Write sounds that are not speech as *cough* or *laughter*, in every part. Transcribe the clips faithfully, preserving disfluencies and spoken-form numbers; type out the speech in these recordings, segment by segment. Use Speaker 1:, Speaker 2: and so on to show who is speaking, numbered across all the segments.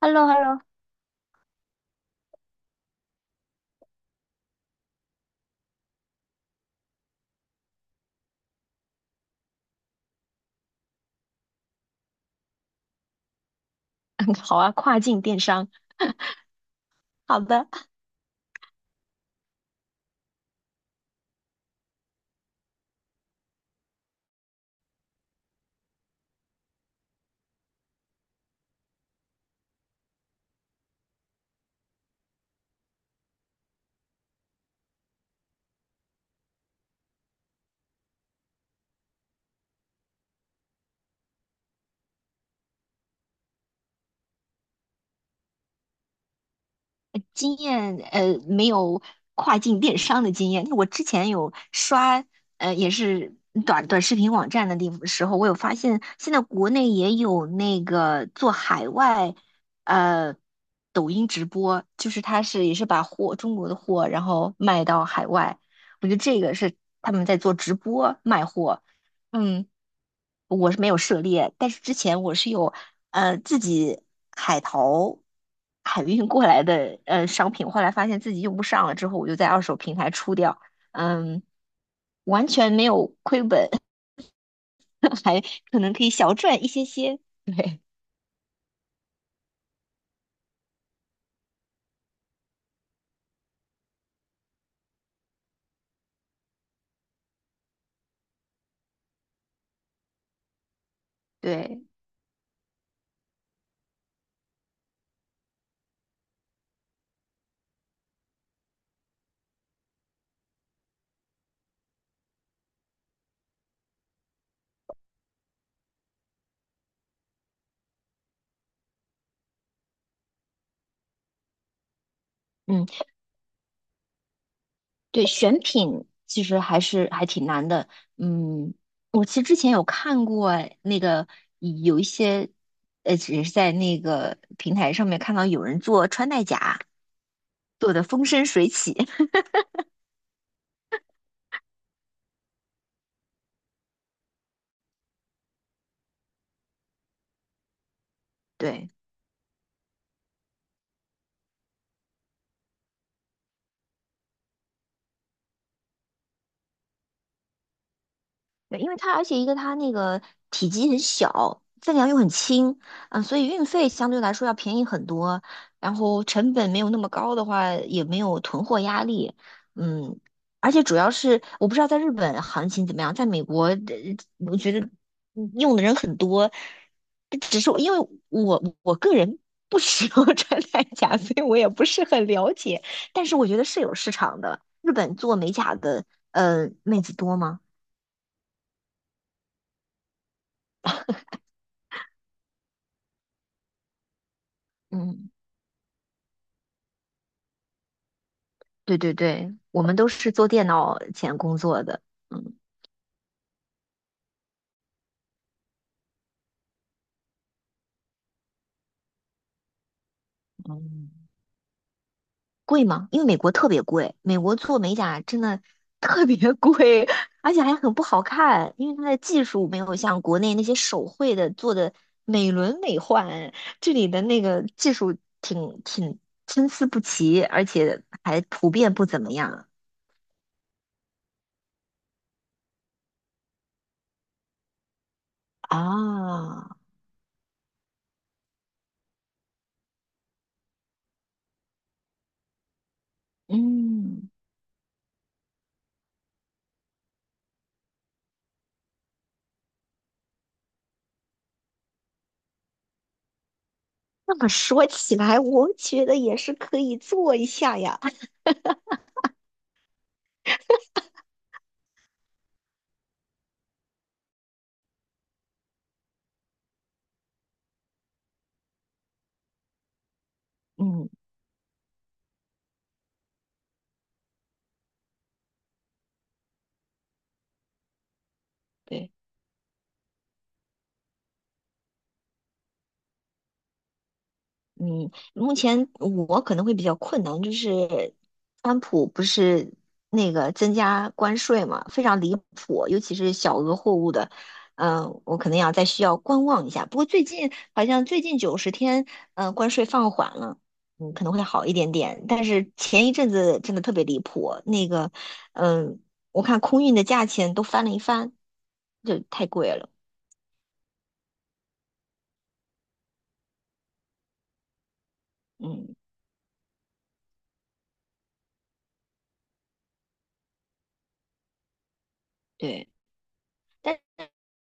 Speaker 1: h e l l o h e l l o *laughs* 好啊，跨境电商，好的。呃经验呃没有跨境电商的经验。我之前有刷呃也是短短视频网站的地方时候，我有发现现在国内也有那个做海外呃抖音直播，就是他是也是把货中国的货然后卖到海外，我觉得这个是他们在做直播卖货。嗯。我是没有涉猎，但是之前我是有呃自己海淘海运过来的呃商品，后来发现自己用不上了，之后我就在二手平台出掉，嗯，完全没有亏本。*laughs* 还可能可以小赚一些些。对对，嗯，对，选品其实还是还挺难的。嗯，我其实之前有看过那个有一些。呃，只是在那个平台上面看到有人做穿戴甲，做的风生水起。*laughs* 对，对，因为它而且一个它那个体积很小，分量又很轻。嗯，所以运费相对来说要便宜很多，然后成本没有那么高的话，也没有囤货压力。嗯，而且主要是我不知道在日本行情怎么样。在美国，呃我觉得嗯用的人很多，只是因为我我个人不使用 *laughs* 穿戴甲，所以我也不是很了解，但是我觉得是有市场的。日本做美甲的，呃，妹子多吗？嗯。对对对，我们都是做电脑前工作的。嗯，嗯，贵吗？因为美国特别贵，美国做美甲真的 *laughs* 特别贵，*laughs* 而且还很不好看，因为它的技术没有像国内那些手绘的做的美轮美奂，这里的那个技术挺挺参差不齐，而且还普遍不怎么样啊。嗯，那么说起来，我觉得也是可以做一下呀。*laughs* 嗯。对。嗯，目前我可能会比较困难，就是川普不是那个增加关税嘛，非常离谱，尤其是小额货物的。嗯，我可能要再需要观望一下。不过最近好像最近九十天，嗯，关税放缓了。嗯，可能会好一点点。但是前一阵子真的特别离谱。那个，嗯，我看空运的价钱都翻了一番，就太贵了。嗯，对。但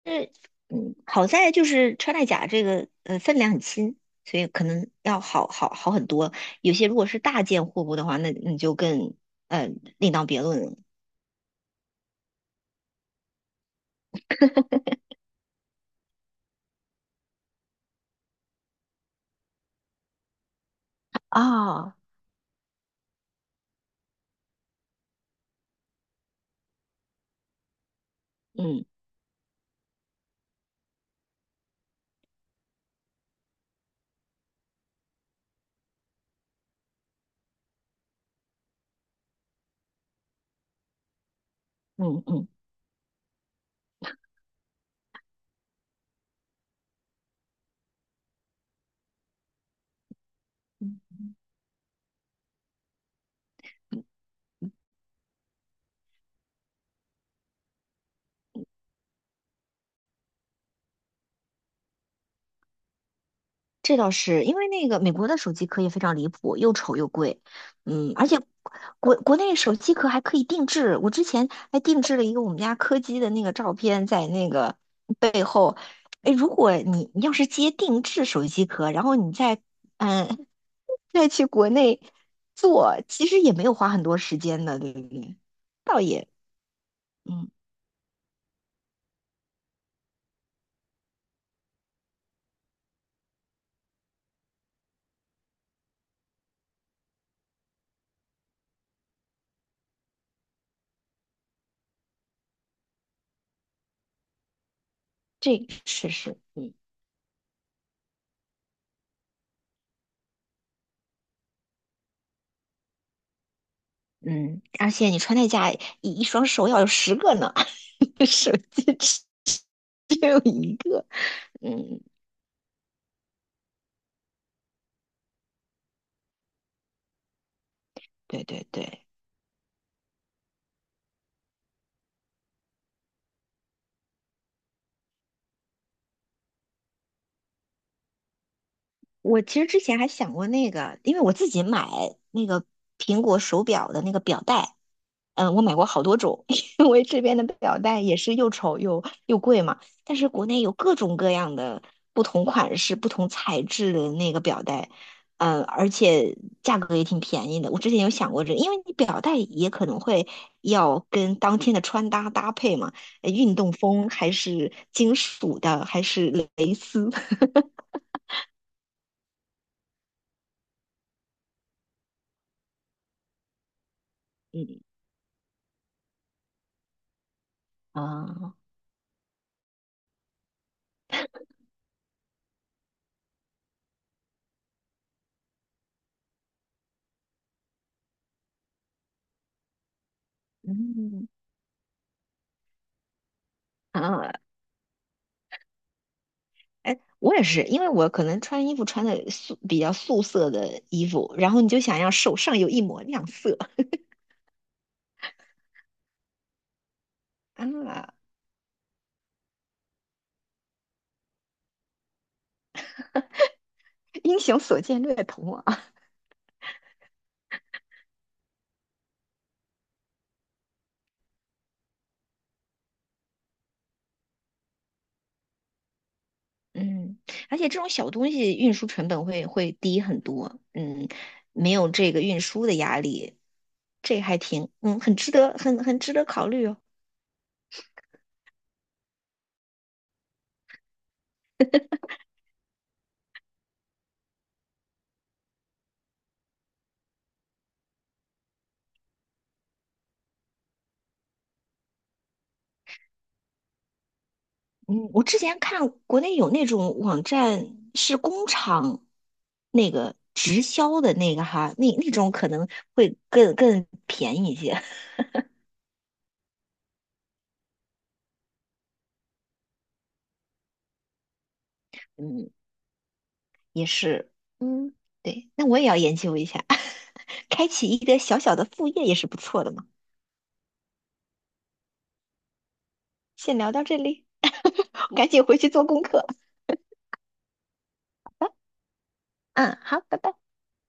Speaker 1: 是，嗯，好在就是穿戴甲这个呃分量很轻，所以可能要好好好很多。有些如果是大件货物的话，那你就更呃另当别论了。啊。嗯嗯嗯，嗯这倒是因为那个美国的手机壳也非常离谱，又丑又贵。嗯，而且国国内手机壳还可以定制，我之前还定制了一个我们家柯基的那个照片在那个背后。哎，如果你你要是接定制手机壳，然后你再嗯再去国内做，其实也没有花很多时间的，对不对？倒也嗯，这个是是。嗯，而且你穿戴甲一一双手要有十个呢，*laughs* 手机只只有一个。嗯，对对对，我其实之前还想过那个，因为我自己买那个苹果手表的那个表带。嗯，我买过好多种，*laughs* 因为这边的表带也是又丑又又贵嘛。但是国内有各种各样的不同款式、不同材质的那个表带。嗯，而且价格也挺便宜的。我之前有想过这个因为你表带也可能会要跟当天的穿搭搭配嘛，呃运动风还是金属的，还是蕾丝，*laughs* 嗯啊。嗯啊，哎，我也是，因为我可能穿衣服穿的素比较素色的衣服，然后你就想要手上有一抹亮色啊。英雄所见略同啊。*laughs* 嗯，而且这种小东西运输成本会会低很多。嗯，没有这个运输的压力。这还挺，嗯，很值得，很很值得考虑哦。嗯，我之前看国内有那种网站是工厂那个直销的那个哈，那那种可能会更更便宜一些。*laughs* 嗯，也是。嗯，对，那我也要研究一下，*laughs* 开启一个小小的副业也是不错的嘛。先聊到这里，*laughs* 我赶紧回去做功课。嗯，好，拜拜。